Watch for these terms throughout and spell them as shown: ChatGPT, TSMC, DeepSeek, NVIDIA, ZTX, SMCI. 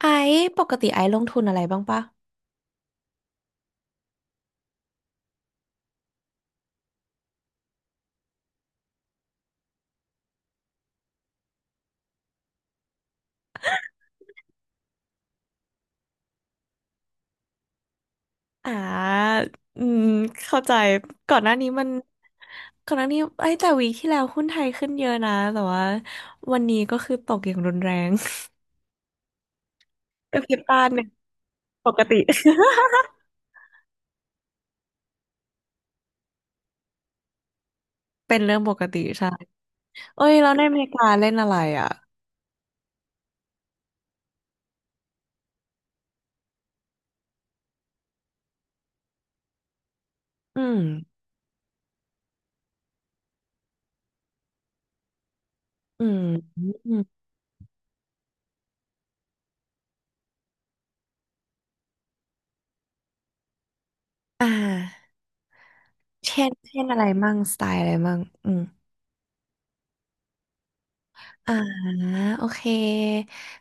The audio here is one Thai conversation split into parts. ไอซ์ปกติไอซ์ลงทุนอะไรบ้างปะอ่าอืมเข้าใจ ก่อนหน้านี้มันก่อนหน้านี้ไอ้ยแต่วีคที่แล้วหุ้นไทยขึ้นเยอะนะ แต่ว่าวันนี้ก็คือตกอย่างรุนแรง ก็คิดตานเนี่ยปกติ เป็นเรื่องปกติใช่เอ้ยแล้วในอเมริกาเล่นอะไรอ่ะอืมอืมอืมอ่าเช่นอะไรมั่งสไตล์อะไรมั่งอืมอ่าโอเค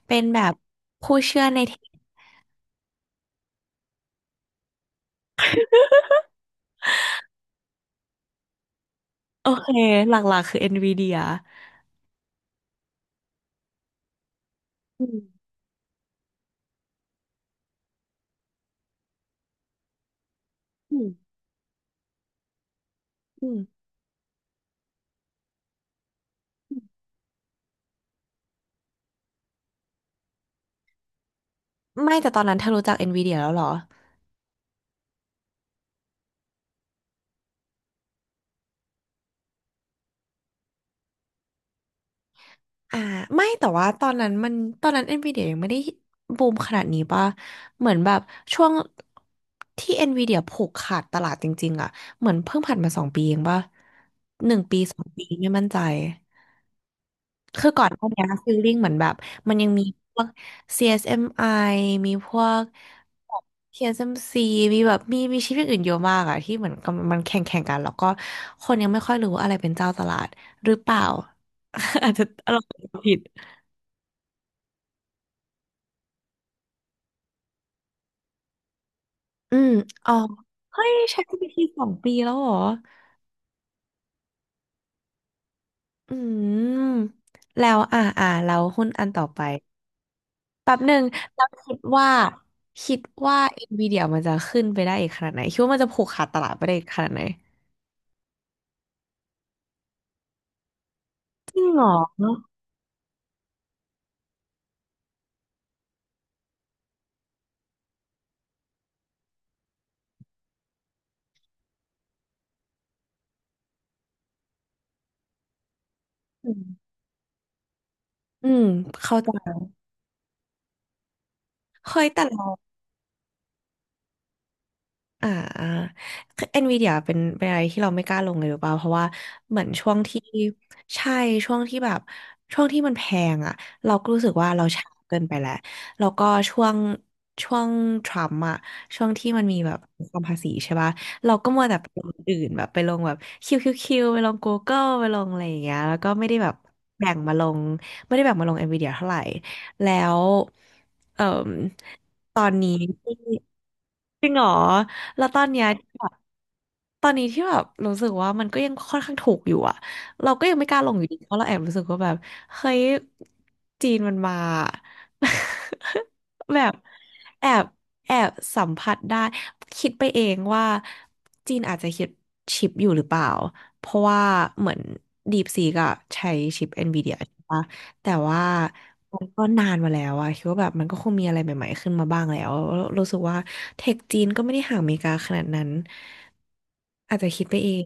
เป็นแบบผู้เชื่อในเทคโอเค หลักๆคือ NVIDIA อืมอืมอืมไม่แต่ตอนนั้นเธอรู้จัก NVIDIA แล้วเหรออ่าไม่แต่ว่าตอนนั้นมันตอนนั้น NVIDIA ยังไม่ได้บูมขนาดนี้ป่ะเหมือนแบบช่วงที่ NVIDIA ผูกขาดตลาดจริงๆอ่ะเหมือนเพิ่งผ่านมาสองปีเองป่ะ1 ปีสองปีไม่มั่นใจ คือก่อนหน้าเนี้ฟีลลิ่งเหมือนแบบมันยังมีพวก CSMI มไอมีพวก TSMC มซีมีแบบมีชิปอย่างอื่นเยอะมากอะที่เหมือนกับมันแข่งกันแล้วก็คนยังไม่ค่อยรู้ว่าอะไรเป็นเจ้าตลาดหรือเปล่า อาจจะเราผิดอืมอ๋อเฮ้ย ChatGPT 2 ปีแล้วเหรออืมแล้วอ่าแล้วหุ้นอันต่อไป แป๊บหนึ่งแล้วคิดว่า NVIDIA มันจะขึ้นไปได้อีกขนาดไหนคิดว่ามันจะผูกขาดตลาดไปได้อีกขนาดไหนจริงเหรออืมอืมเข้าใจเฮ้ยแต่เรา อ่าคือเอ็นวีเดียเป็นอะไรที่เราไม่กล้าลงเลยหรือเปล่าเพราะว่าเหมือนช่วงที่ใช่ช่วงที่แบบช่วงที่มันแพงอ่ะเราก็รู้สึกว่าเราช้าเกินไปแล้วแล้วก็ช่วงทรัมป์อ่ะช่วงที่มันมีแบบความภาษีใช่ป่ะเราก็มัวแต่ไปลงอื่นแบบไปลงแบบคิวคิวคิวไปลง Google ไปลงอะไรอย่างเงี้ยแล้วก็ไม่ได้แบบแบ่งมาลงไม่ได้แบ่งมาลงเอ็นวีเดียเท่าไหร่แล้วเอ่อ จริงเหรอแล้วตอนเนี้ยแบบตอนนี้ที่แบบรู้สึกว่ามันก็ยังค่อนข้างถูกอยู่อะเราก็ยังไม่กล้าลงอยู่ดีเพราะเราแอบรู้สึกว่าแบบเฮ้ยจีนมันมา แบบแอบแอบสัมผัสได้คิดไปเองว่าจีนอาจจะคิดชิปอยู่หรือเปล่า เพราะว่าเหมือนดี e ซีก็ใช้ชิป NVIDIA ใช่ปะ แต่ว่ามันก็นานมาแล้วอะคิดว่าแบบมันก็คงมีอะไรใหม่ๆขึ้นมาบ้างแล้วแล้วรู้สึกว่าเทคจีนก็ไม่ได้ห่างอเมริกาขนาดนั้นอาจจะคิดไปเอง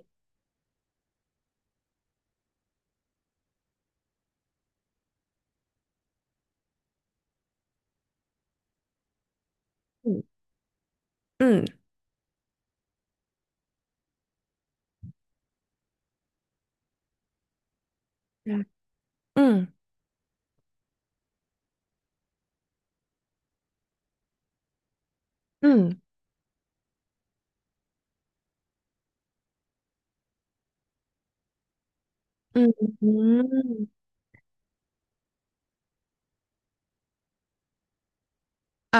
อืมอืมอืมอืมอืมอืมอ่า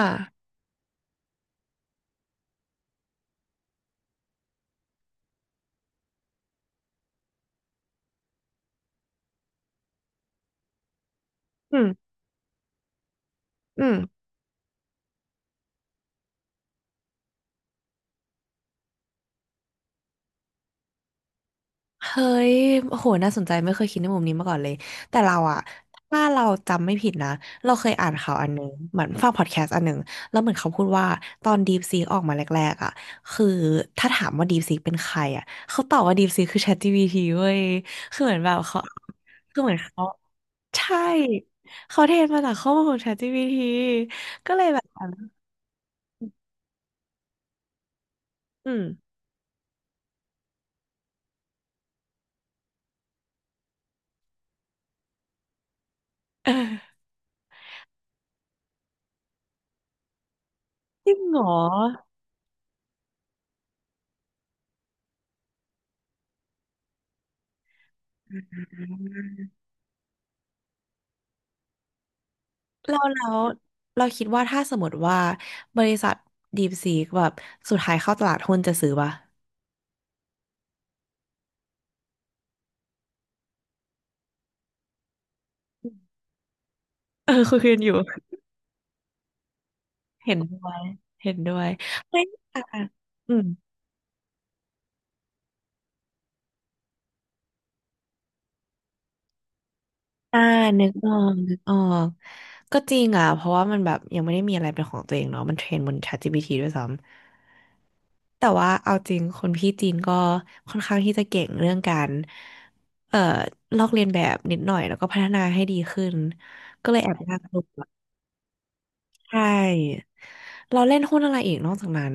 อืมอืม เฮ้ยโอ้โหน่าสนใจไม่เคยคิดในมุมนี้มาก่อนเลยแต่เราอะถ้าเราจำไม่ผิดนะเราเคยอ่านข่าวอันหนึ่งเหมือนฟังพอดแคสต์อันหนึ่งแล้วเหมือนเขาพูดว่าตอน DeepSeek ออกมาแรกๆอะคือถ้าถามว่า DeepSeek เป็นใครอะเขาตอบว่า DeepSeek คือ ChatGPT เว้ยคือเหมือนแบบเขาคือเหมือนเขาใช่เขาเทรนมาจากข้อมูลของ ChatGPT ก็เลยแบบอืม เออจริงเหรอ เราแล้วเราคิดว่าถ้าสมมติว่าบริษัท DeepSeek แบบสุดท้ายเข้าตลาดหุ้นจะซื้อป่ะเออ คุยกันอยู่ เห็นด้วยเห็นด้วยไม่อ่ะอืมอ่านึกออกนึกออกก็จริงอ่ะเพราะว่ามันแบบยังไม่ได้มีอะไรเป็นของตัวเองเนาะมันเทรนบน ChatGPT ด้วยซ้ำ แต่ว่าเอาจริงคนพี่จีนก็ค่อนข้างที่จะเก่งเรื่องการเอ่อลอกเลียนแบบนิดหน่อยแล้วก็พัฒนาให้ดีขึ้นก็เลยแอบน่ากลัว ใช่เราเล่นหุ้นอะไรอีกนอกจากนั้น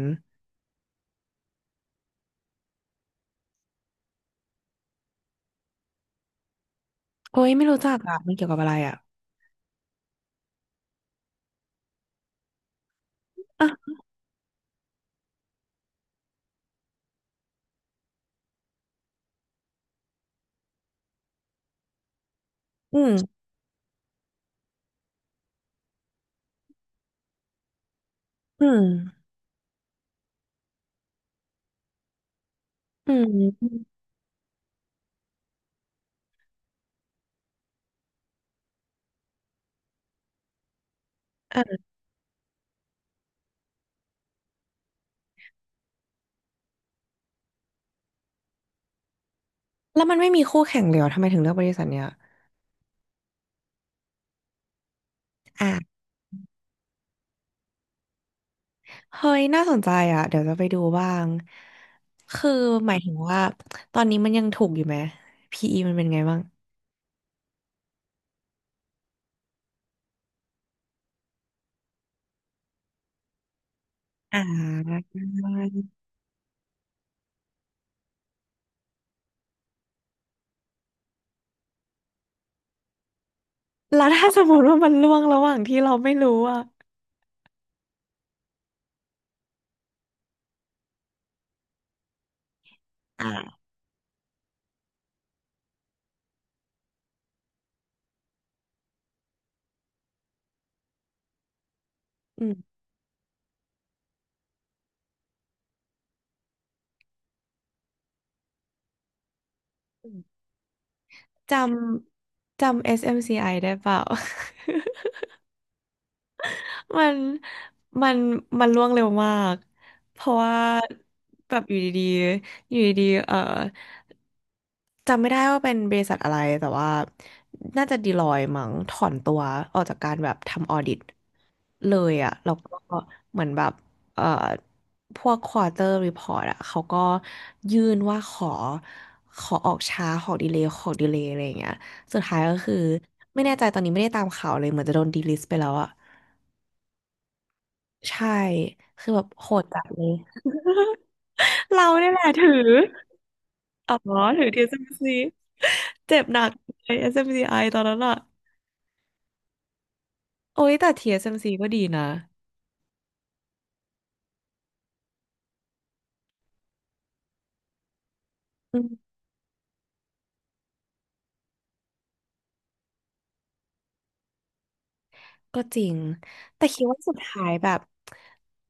โอ้ยไม่รู้จักอะมันเกี่ยวกับอะไรอะอ่ะอืมอืมอืมอ่ะแล้วมันไม่มีคู่แข่งเลยเหรอทำไมถึงเลือกบริษัทเนี้ยอ่ะเฮ้ยน่าสนใจอ่ะเดี๋ยวจะไปดูบ้างคือหมายถึงว่าตอนนี้มันยังถูกอยู่ไหม PE มันเป็นไงบ้างอ่าแล้วถ้าสมมติว่ามันล่วงระหว่างที่เราไม่รู้อ่ะอ่าอืมจจำ SMCI ไอได้เปล่า มันมันมันล่วงเร็วมาก เพราะว่าแบบอยู่ดีๆอยู่ดีๆเอ่อจำไม่ได้ว่าเป็นบริษัทอะไร แต่ว่าน่าจะดีลอยมั้งถอนตัวออกจากการแบบทำออดิตเลยอะแล้วก็เหมือนแบบเอ่อพวกควอเตอร์รีพอร์ตอะเขาก็ยื่นว่าขอออกช้าขอดีเลย์อะไรอย่างเงี้ยสุดท้ายก็คือไม่แน่ใจตอนนี้ไม่ได้ตามข่าวเลยเหมือนจะโดนดีลิสต์ไปแล้วอะ ใช่ คือแบบโหดจัดเลย เราเนี่ยแหละถือ อ๋อถือ TSMC เอสเอ็มซีเจ็บหนักไอ SMC I ตอนนั้นอะโอ้ยแต่ TSMC ก็ดีนะอืมก็จริง แต่คิดว่าสุดท้ายแบบ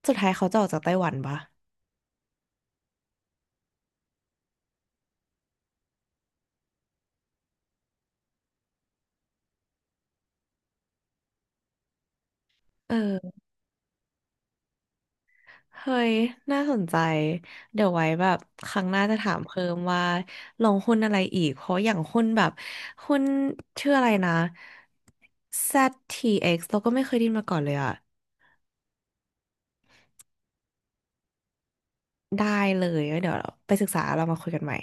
สุดท้ายเขาจะออกจากไต้หวันปะ เออ เฮ้ย น่าสนใจ เดี๋ยวไว้แบบครั้งหน้าจะถามเพิ่มว่าลงหุ้นอะไรอีก เพราะอย่างหุ้นแบบหุ้นชื่ออะไรนะ ZTX เอ็กซ์เราก็ไม่เคยได้ยินมาก่อนเลยอะ ได้เลยแล้วเดี๋ยวเราไปศึกษาเรามาคุยกันใหม่